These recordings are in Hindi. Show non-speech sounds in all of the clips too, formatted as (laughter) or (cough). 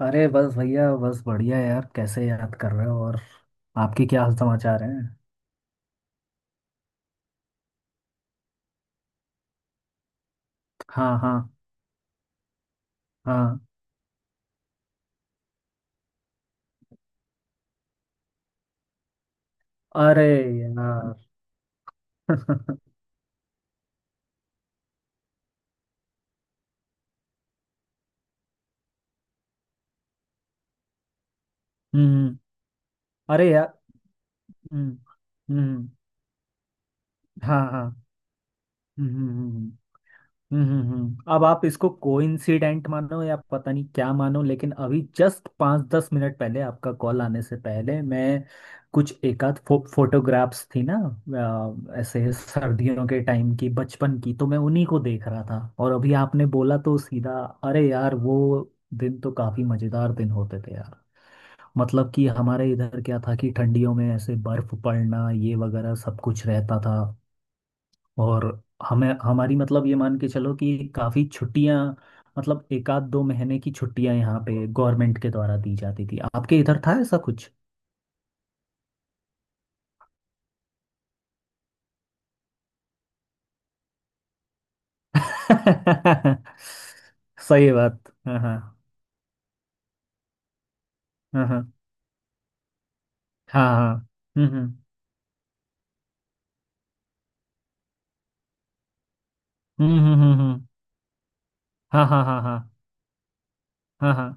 अरे बस भैया बस बढ़िया यार, कैसे याद कर रहे हो? और आपके क्या हाल समाचार हैं। हाँ हाँ हाँ। अरे यार (laughs) हम्म। अरे यार। हम्म हम्म। हाँ हाँ। हम्म हम्म, हम्म, हम्म। अब आप इसको कोइंसिडेंट मानो या पता नहीं क्या मानो, लेकिन अभी जस्ट 5 10 मिनट पहले आपका कॉल आने से पहले मैं कुछ एकाध फोटोग्राफ्स थी ना, ऐसे सर्दियों के टाइम की बचपन की, तो मैं उन्हीं को देख रहा था, और अभी आपने बोला तो सीधा अरे यार वो दिन तो काफी मजेदार दिन होते थे यार। मतलब कि हमारे इधर क्या था कि ठंडियों में ऐसे बर्फ पड़ना ये वगैरह सब कुछ रहता था, और हमें हमारी मतलब ये मान के चलो कि काफ़ी छुट्टियां, मतलब 1 आध 2 महीने की छुट्टियां यहाँ पे गवर्नमेंट के द्वारा दी जाती थी। आपके इधर था ऐसा कुछ? (laughs) सही बात, हाँ हाँ। हाँ हाँ हाँ हाँ, हम्म हम्म हम्म हम्म हम्म, हम्म, हाँ हाँ हाँ हाँ हाँ हाँ।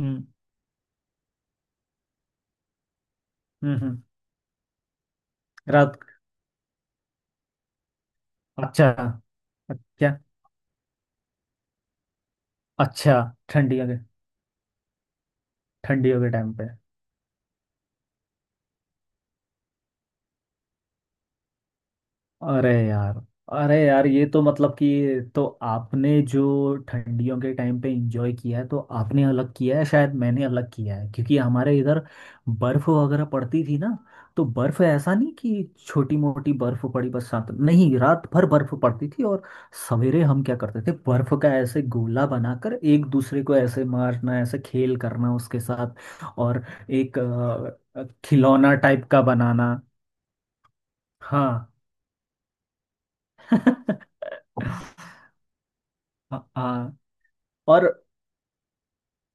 हम्म हम्म हम्म, रात, अच्छा। अच्छा अच्छा ठंडियों के, ठंडियों के टाइम पे, अरे यार, अरे यार, ये तो मतलब कि तो आपने जो ठंडियों के टाइम पे एंजॉय किया है तो आपने अलग किया है, शायद मैंने अलग किया है क्योंकि हमारे इधर बर्फ वगैरह पड़ती थी ना। तो बर्फ ऐसा नहीं कि छोटी मोटी बर्फ पड़ी, बस साथ नहीं रात भर बर्फ पड़ती थी, और सवेरे हम क्या करते थे, बर्फ का ऐसे गोला बनाकर एक दूसरे को ऐसे मारना, ऐसे खेल करना उसके साथ, और एक खिलौना टाइप का बनाना। हाँ (laughs) हाँ हाँ, और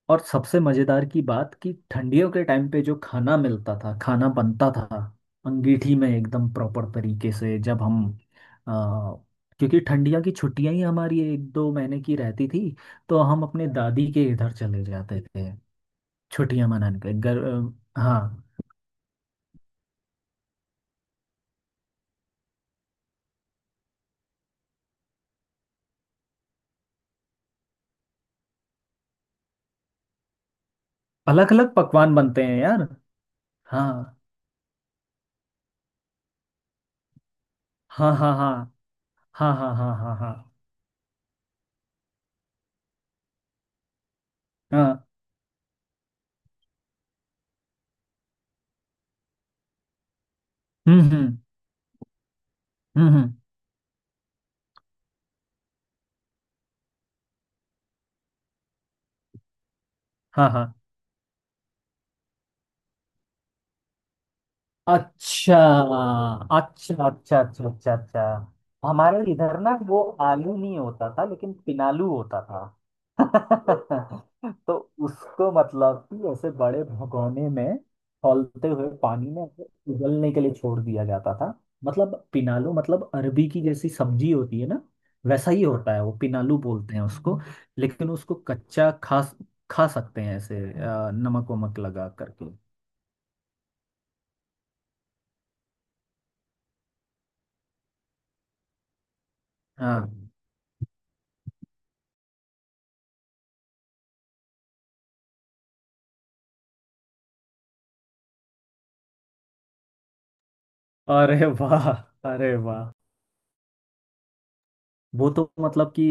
और सबसे मजेदार की बात कि ठंडियों के टाइम पे जो खाना मिलता था, खाना बनता था अंगीठी में एकदम प्रॉपर तरीके से, जब हम आ, क्योंकि ठंडिया की छुट्टियां ही हमारी 1 2 महीने की रहती थी, तो हम अपने दादी के इधर चले जाते थे छुट्टियां मनाने के घर। हाँ। अलग अलग पकवान बनते हैं यार। हाँ हाँ हाँ हाँ हाँ हाँ हाँ हाँ हाँ हाँ। हम्म हम्म हम्म हम्म, हाँ हाँ। अच्छा अच्छा अच्छा अच्छा अच्छा अच्छा। हमारे इधर ना वो आलू नहीं होता था, लेकिन पिनालू होता था (laughs) तो उसको मतलब कि ऐसे बड़े भगोने में खौलते हुए पानी में ऐसे उबलने के लिए छोड़ दिया जाता था। मतलब पिनालू मतलब अरबी की जैसी सब्जी होती है ना, वैसा ही होता है वो, पिनालू बोलते हैं उसको। लेकिन उसको कच्चा खा, खा सकते हैं ऐसे नमक वमक लगा करके। हाँ। अरे वाह, अरे वाह, वो तो मतलब कि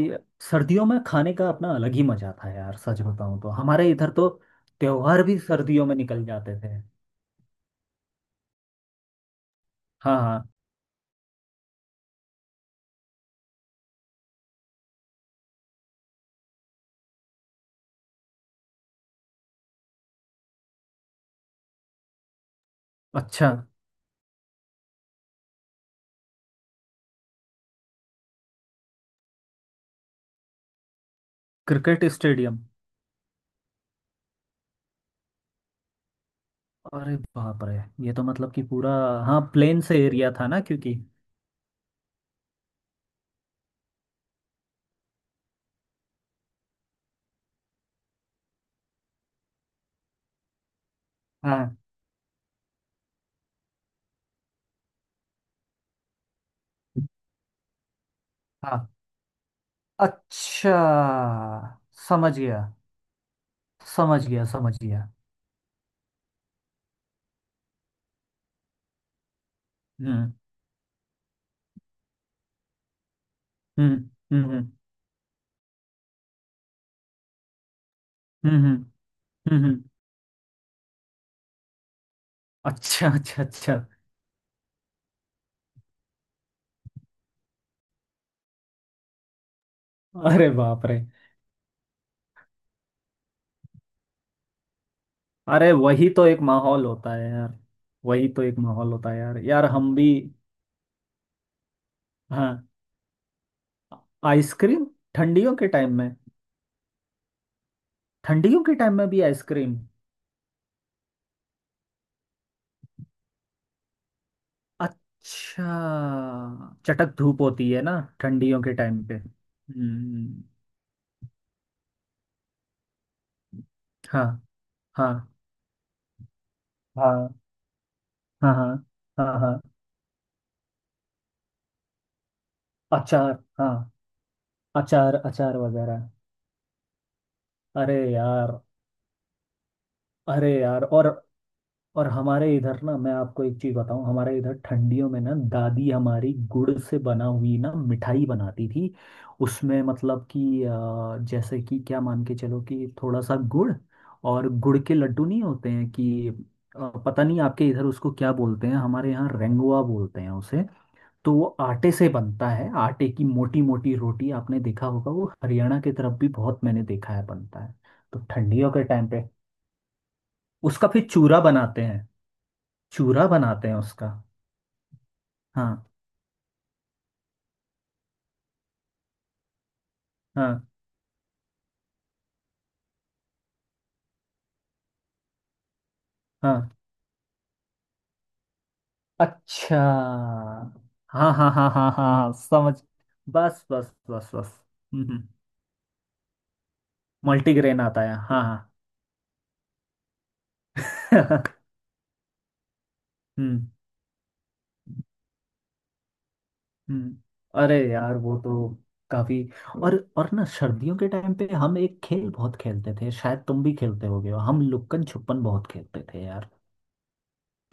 सर्दियों में खाने का अपना अलग ही मजा था यार। सच बताऊं तो हमारे इधर तो त्योहार भी सर्दियों में निकल जाते थे। हाँ हाँ। अच्छा, क्रिकेट स्टेडियम, अरे बाप रे, ये तो मतलब कि पूरा, हाँ प्लेन से एरिया था ना क्योंकि। हाँ हाँ। अच्छा, समझ गया, समझ गया समझ गया। हम्म हम्म हम्म हम्म हम्म हम्म, हम्म। अच्छा अच्छा अच्छा, अरे बाप रे, अरे वही तो एक माहौल होता है यार, वही तो एक माहौल होता है यार, यार हम भी। हाँ, आइसक्रीम, ठंडियों के टाइम में, ठंडियों के टाइम में भी आइसक्रीम? अच्छा चटक धूप होती है ना ठंडियों के टाइम पे, हम्म। हाँ हाँ हाँ हाँ हाँ हाँ हाँ, अचार, हाँ, अचार अचार वगैरह। अरे यार, अरे यार, और हमारे इधर ना मैं आपको एक चीज बताऊं, हमारे इधर ठंडियों में ना दादी हमारी गुड़ से बना हुई ना मिठाई बनाती थी। उसमें मतलब कि जैसे कि क्या मान के चलो कि थोड़ा सा गुड़, और गुड़ के लड्डू नहीं होते हैं कि पता नहीं आपके इधर उसको क्या बोलते हैं, हमारे यहाँ रेंगुआ बोलते हैं उसे। तो वो आटे से बनता है, आटे की मोटी मोटी रोटी आपने देखा होगा, वो हरियाणा की तरफ भी बहुत मैंने देखा है बनता है। तो ठंडियों के टाइम पे उसका फिर चूरा बनाते हैं, चूरा बनाते हैं उसका। हाँ हाँ हाँ। अच्छा। हाँ हाँ हाँ हाँ हाँ हाँ, समझ, बस बस बस बस। हम्म हम्म। मल्टीग्रेन आता है, हाँ हाँ (laughs) हम्म हम्म। अरे यार वो तो काफी, और ना सर्दियों के टाइम पे हम एक खेल बहुत खेलते थे, शायद तुम भी खेलते होगे, हम लुक्कन छुपन बहुत खेलते थे यार।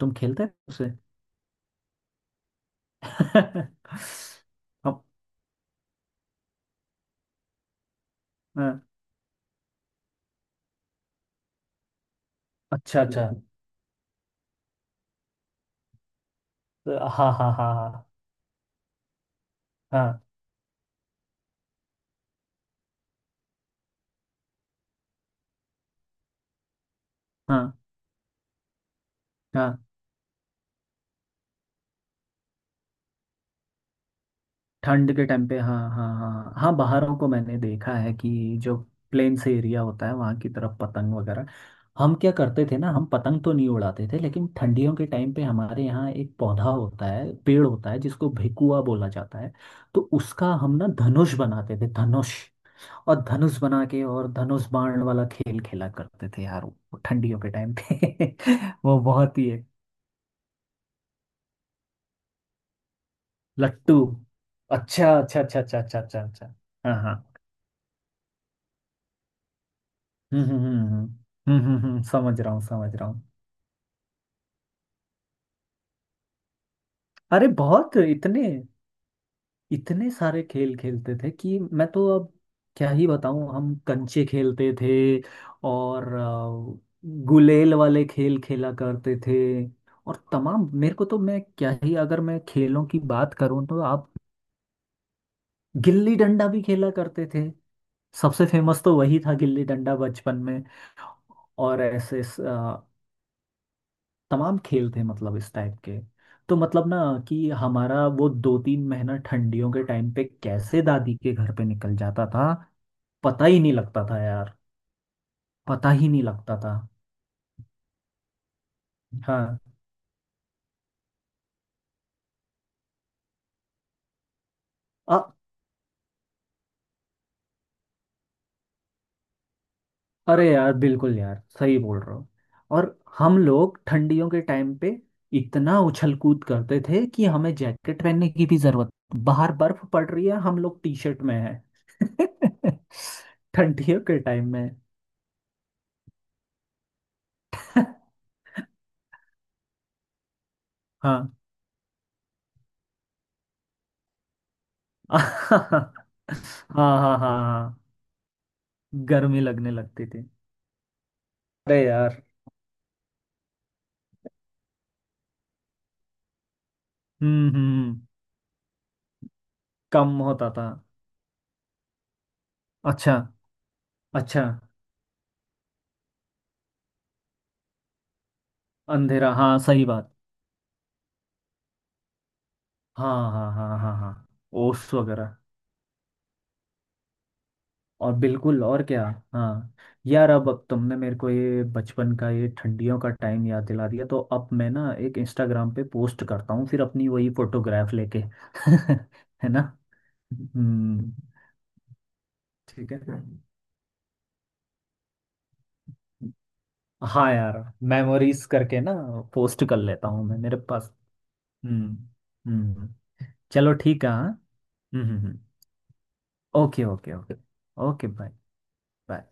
तुम खेलते थे उसे? (laughs) हम- हाँ, अच्छा अच्छा। हाँ हाँ हाँ हाँ हाँ हाँ हाँ। ठंड के टाइम पे, हाँ हाँ हाँ हाँ हाँ, बाहरों को मैंने देखा है कि जो प्लेन से एरिया होता है वहाँ की तरफ पतंग वगैरह। हम क्या करते थे ना, हम पतंग तो नहीं उड़ाते थे, लेकिन ठंडियों के टाइम पे हमारे यहाँ एक पौधा होता है, पेड़ होता है जिसको भेकुआ बोला जाता है। तो उसका हम ना धनुष बनाते थे, धनुष, और धनुष बना के और धनुष बाण वाला खेल खेला करते थे यार वो ठंडियों के टाइम पे। (laughs) वो बहुत ही है, लट्टू, अच्छा अच्छा अच्छा अच्छा अच्छा अच्छा अच्छा। हाँ हाँ। हम्म हम्म हम्म हम्म समझ रहा हूँ, समझ रहा हूँ। अरे बहुत, इतने, इतने सारे खेल खेलते थे कि मैं तो अब क्या ही बताऊँ, हम कंचे खेलते थे, और गुलेल वाले खेल खेला करते थे, और तमाम, मेरे को तो मैं क्या ही, अगर मैं खेलों की बात करूँ तो आप, गिल्ली डंडा भी खेला करते थे, सबसे फेमस तो वही था गिल्ली डंडा बचपन में, और ऐसे तमाम खेल थे मतलब इस टाइप के, तो मतलब ना कि हमारा वो 2 3 महीना ठंडियों के टाइम पे कैसे दादी के घर पे निकल जाता था पता ही नहीं लगता था यार, पता ही नहीं लगता था। हाँ, अ अरे यार बिल्कुल यार सही बोल रहे हो। और हम लोग ठंडियों के टाइम पे इतना उछल कूद करते थे कि हमें जैकेट पहनने की भी जरूरत, बाहर बर्फ पड़ रही है, हम लोग टी शर्ट में हैं (laughs) ठंडियों के टाइम में। (laughs) हाँ (laughs) हाँ हाँ हाँ हाँ गर्मी लगने लगती थी। अरे यार। हम्म हम्म हम्म। कम होता था। अच्छा, अच्छा अंधेरा, हाँ सही बात। हाँ हाँ हाँ हाँ हाँ ओस वगैरह, और बिल्कुल, और क्या। हाँ, यार अब तुमने मेरे को ये बचपन का ये ठंडियों का टाइम याद दिला दिया, तो अब मैं ना एक इंस्टाग्राम पे पोस्ट करता हूँ फिर अपनी वही फोटोग्राफ लेके (laughs) है ना। हम्म। ठीक है। हाँ यार, मेमोरीज करके ना पोस्ट कर लेता हूँ, मैं मेरे पास। हम्म हम्म हम्म। चलो ठीक है हाँ। हम्म हम्म हम्म। Okay okay okay. Okay bye, bye.